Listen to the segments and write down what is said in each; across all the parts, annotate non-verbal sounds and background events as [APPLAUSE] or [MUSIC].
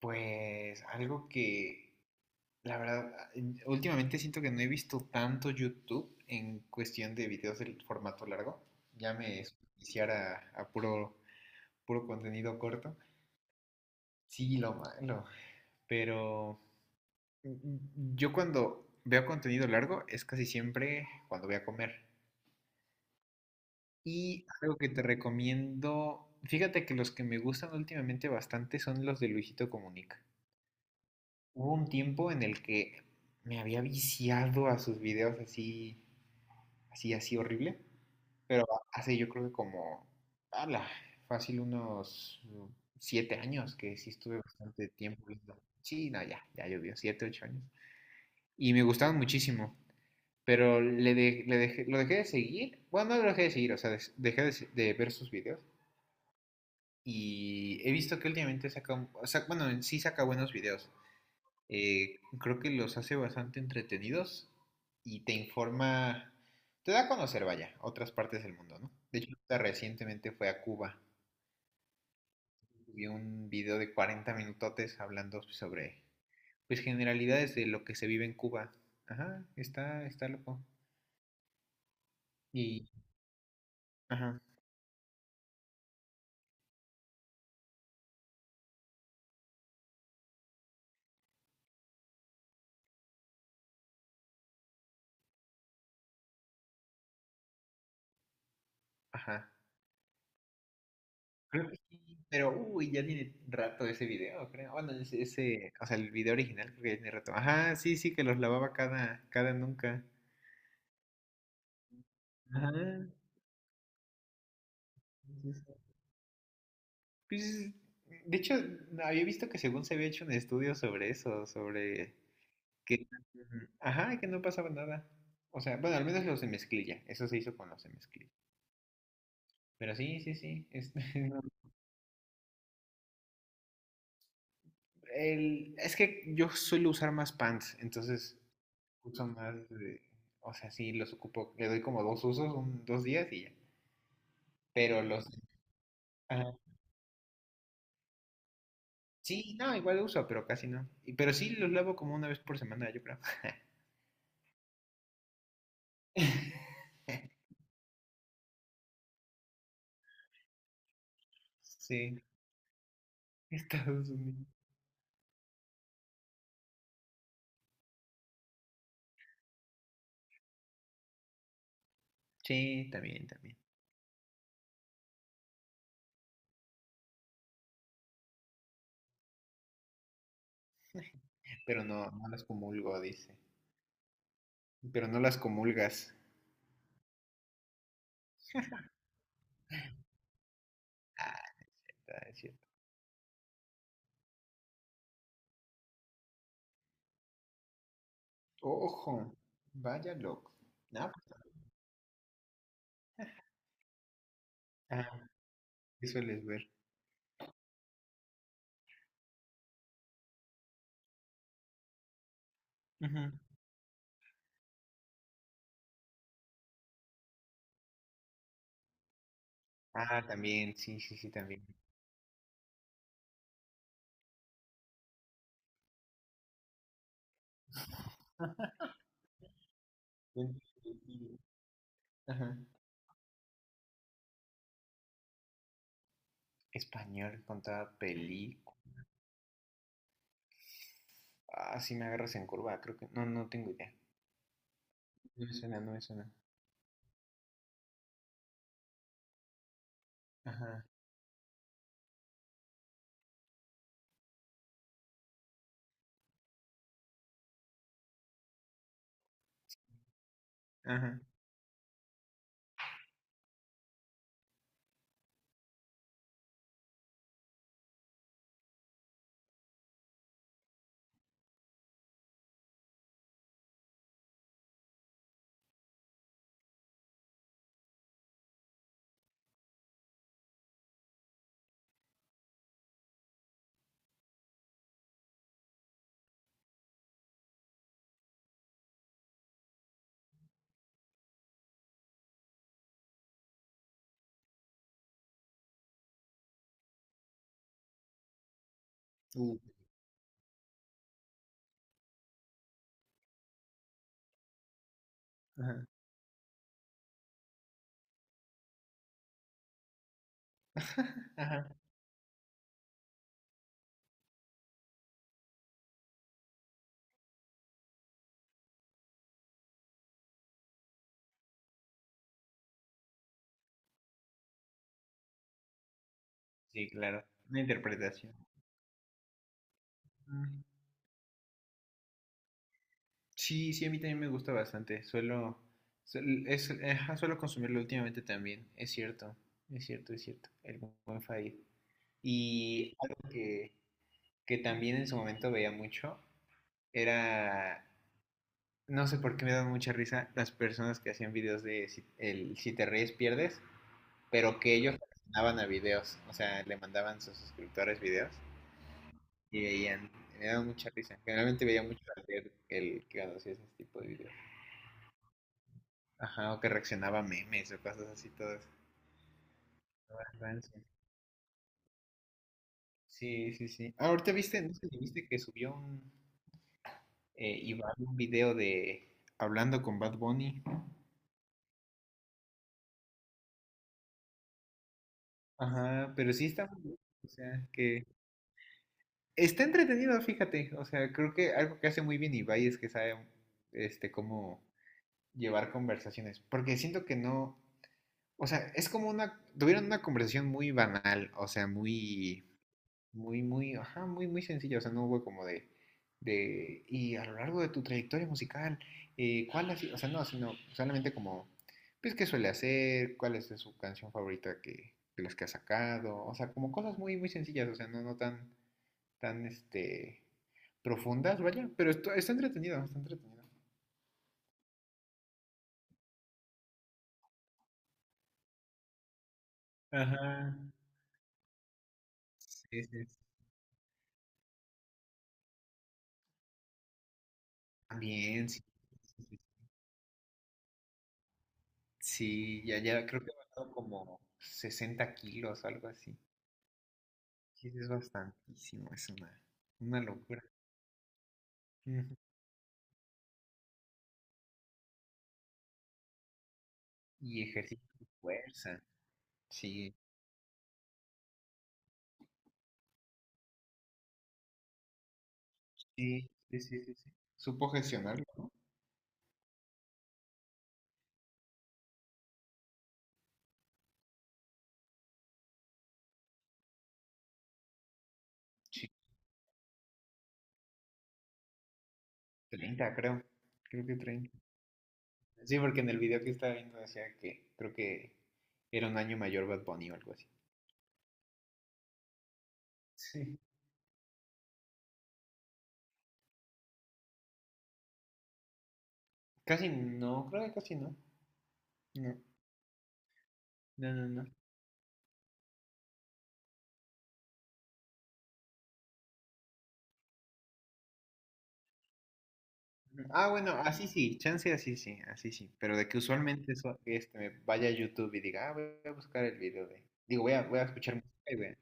Pues algo que, la verdad, últimamente siento que no he visto tanto YouTube en cuestión de videos del formato largo. Ya me iniciar a puro, puro contenido corto. Sí, lo malo. Pero yo cuando veo contenido largo es casi siempre cuando voy a comer. Y algo que te recomiendo, fíjate que los que me gustan últimamente bastante son los de Luisito Comunica. Hubo un tiempo en el que me había viciado a sus videos así, así, así horrible. Pero hace yo creo que como, ala, fácil unos 7 años que sí estuve bastante tiempo viendo. Sí, no, ya, ya llovió, 7, 8 años. Y me gustaban muchísimo. Pero le de- le dejé, lo dejé de seguir. Bueno, no lo dejé de seguir, o sea, dejé de ver sus videos. Y he visto que últimamente saca, o sea, bueno, en sí saca buenos videos. Creo que los hace bastante entretenidos y te informa, te da a conocer, vaya, otras partes del mundo, ¿no? De hecho, ahorita recientemente fue a Cuba, vi un video de 40 minutotes hablando sobre, pues, generalidades de lo que se vive en Cuba. Ajá, está loco. Y, ajá, ajá. Creo que sí, pero, uy, ya tiene rato ese video, creo. Bueno, ese, o sea, el video original creo que ya tiene rato. Ajá, sí, sí, que los lavaba cada nunca. Ajá. Sí, sí. Pues, de hecho, había visto que según se había hecho un estudio sobre eso, sobre que, ajá, que no pasaba nada. O sea, bueno, al menos los de mezclilla, eso se hizo con los de mezclilla. Pero sí, sí, sí. Es, [LAUGHS] no, es que yo suelo usar más pants, entonces uso más o sea, sí, los ocupo, le doy como dos usos, 2 días y ya. Pero los, ajá, sí, no, igual uso, pero casi no. Pero sí los lavo como una vez por semana, yo creo. [LAUGHS] Sí, Estados Unidos. Sí, también, también. Pero no, no las comulgo, dice. Pero no las comulgas. Ah, está, es cierto. Ojo, vaya loco. No, pues, ah, ¿qué sueles ver? Ujú. Ah, también, sí, sí, sí, también. Ajá. Español con toda película. Ah, sí me agarras en curva, creo que. No, no tengo idea. No me suena, no me suena. Ajá, ajá. Uh, ajá. [LAUGHS] Ajá. Sí, claro. Una interpretación. Sí, sí, a mí también me gusta bastante. Suelo, es, ajá, suelo consumirlo últimamente también. Es cierto, es cierto, es cierto. El buen Farid. Y algo que también en su momento veía mucho era, no sé por qué me dan mucha risa las personas que hacían videos de si, el si te ríes pierdes, pero que ellos mandaban a videos, o sea, le mandaban a sus suscriptores videos y veían, me daban mucha risa. Generalmente veía mucho al ver el que cuando hacía ese tipo de videos. Ajá, o que reaccionaba a memes o cosas así todas. Todas rancias. Sí, sí, sí. Ah, ahorita viste, no sé si viste que subió un Iván un video de hablando con Bad Bunny. Ajá, pero sí está muy bien. O sea, que está entretenido, fíjate. O sea, creo que algo que hace muy bien Ibai es que sabe este cómo llevar conversaciones. Porque siento que no. O sea, es como una. Tuvieron una conversación muy banal. O sea, muy. Muy, muy, ajá, muy, muy sencillo. O sea, no hubo como de, y a lo largo de tu trayectoria musical, ¿cuál ha sido? O sea, no, sino solamente como, pues, ¿qué suele hacer? ¿Cuál es su canción favorita que, de las que ha sacado? O sea, como cosas muy, muy sencillas. O sea, no, no tan, tan, este, profundas, vaya. Pero esto, está entretenido, está entretenido. Ajá. Sí, sí. También, sí. También, sí. Sí, ya, ya creo que ha bajado como 60 kilos, algo así. Sí, sí, es bastantísimo, es una locura. Ujú. Y ejercita tu fuerza. Sí, sí, sí, sí, sí. Sí. Supo gestionarlo, ¿no? Sí, 30, creo. Creo que 30. Sí, porque en el video que estaba viendo decía que creo que era un año mayor Bad Bunny o algo así. Sí. Casi no, creo que casi no. No, no, no, no. No. Ah, bueno, así sí, chance así sí, así sí. Pero de que usualmente eso, este, me vaya a YouTube y diga, ah, voy a buscar el video de. Digo, voy a, voy a escuchar música.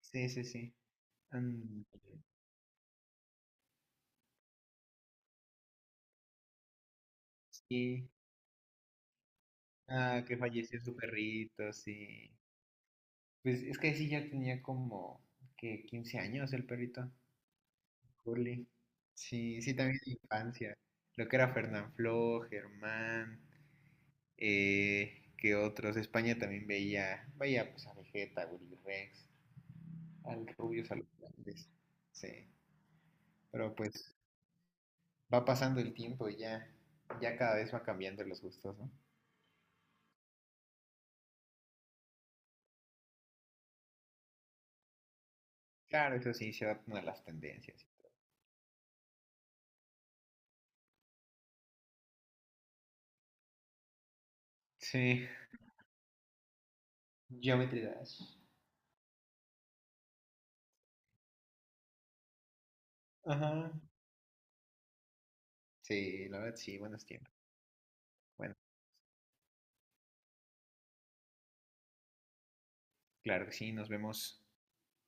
Sí, sí, sí. Mm, sí. Ah, que falleció su perrito, sí. Pues es que sí, ya tenía como que 15 años el perrito, Curly. Sí, sí, también de infancia. Lo que era Fernanfloo, Germán, que otros. España también veía, veía pues a Vegeta, a Willy Rex, al Rubius, a los grandes. Sí, pero pues va pasando el tiempo y ya, ya cada vez va cambiando los gustos, ¿no? Claro, eso sí, se adaptan a las tendencias. Sí, Geometry Dash. Ajá. Sí, la verdad, sí, buenos tiempos. Bueno, claro que sí, nos vemos.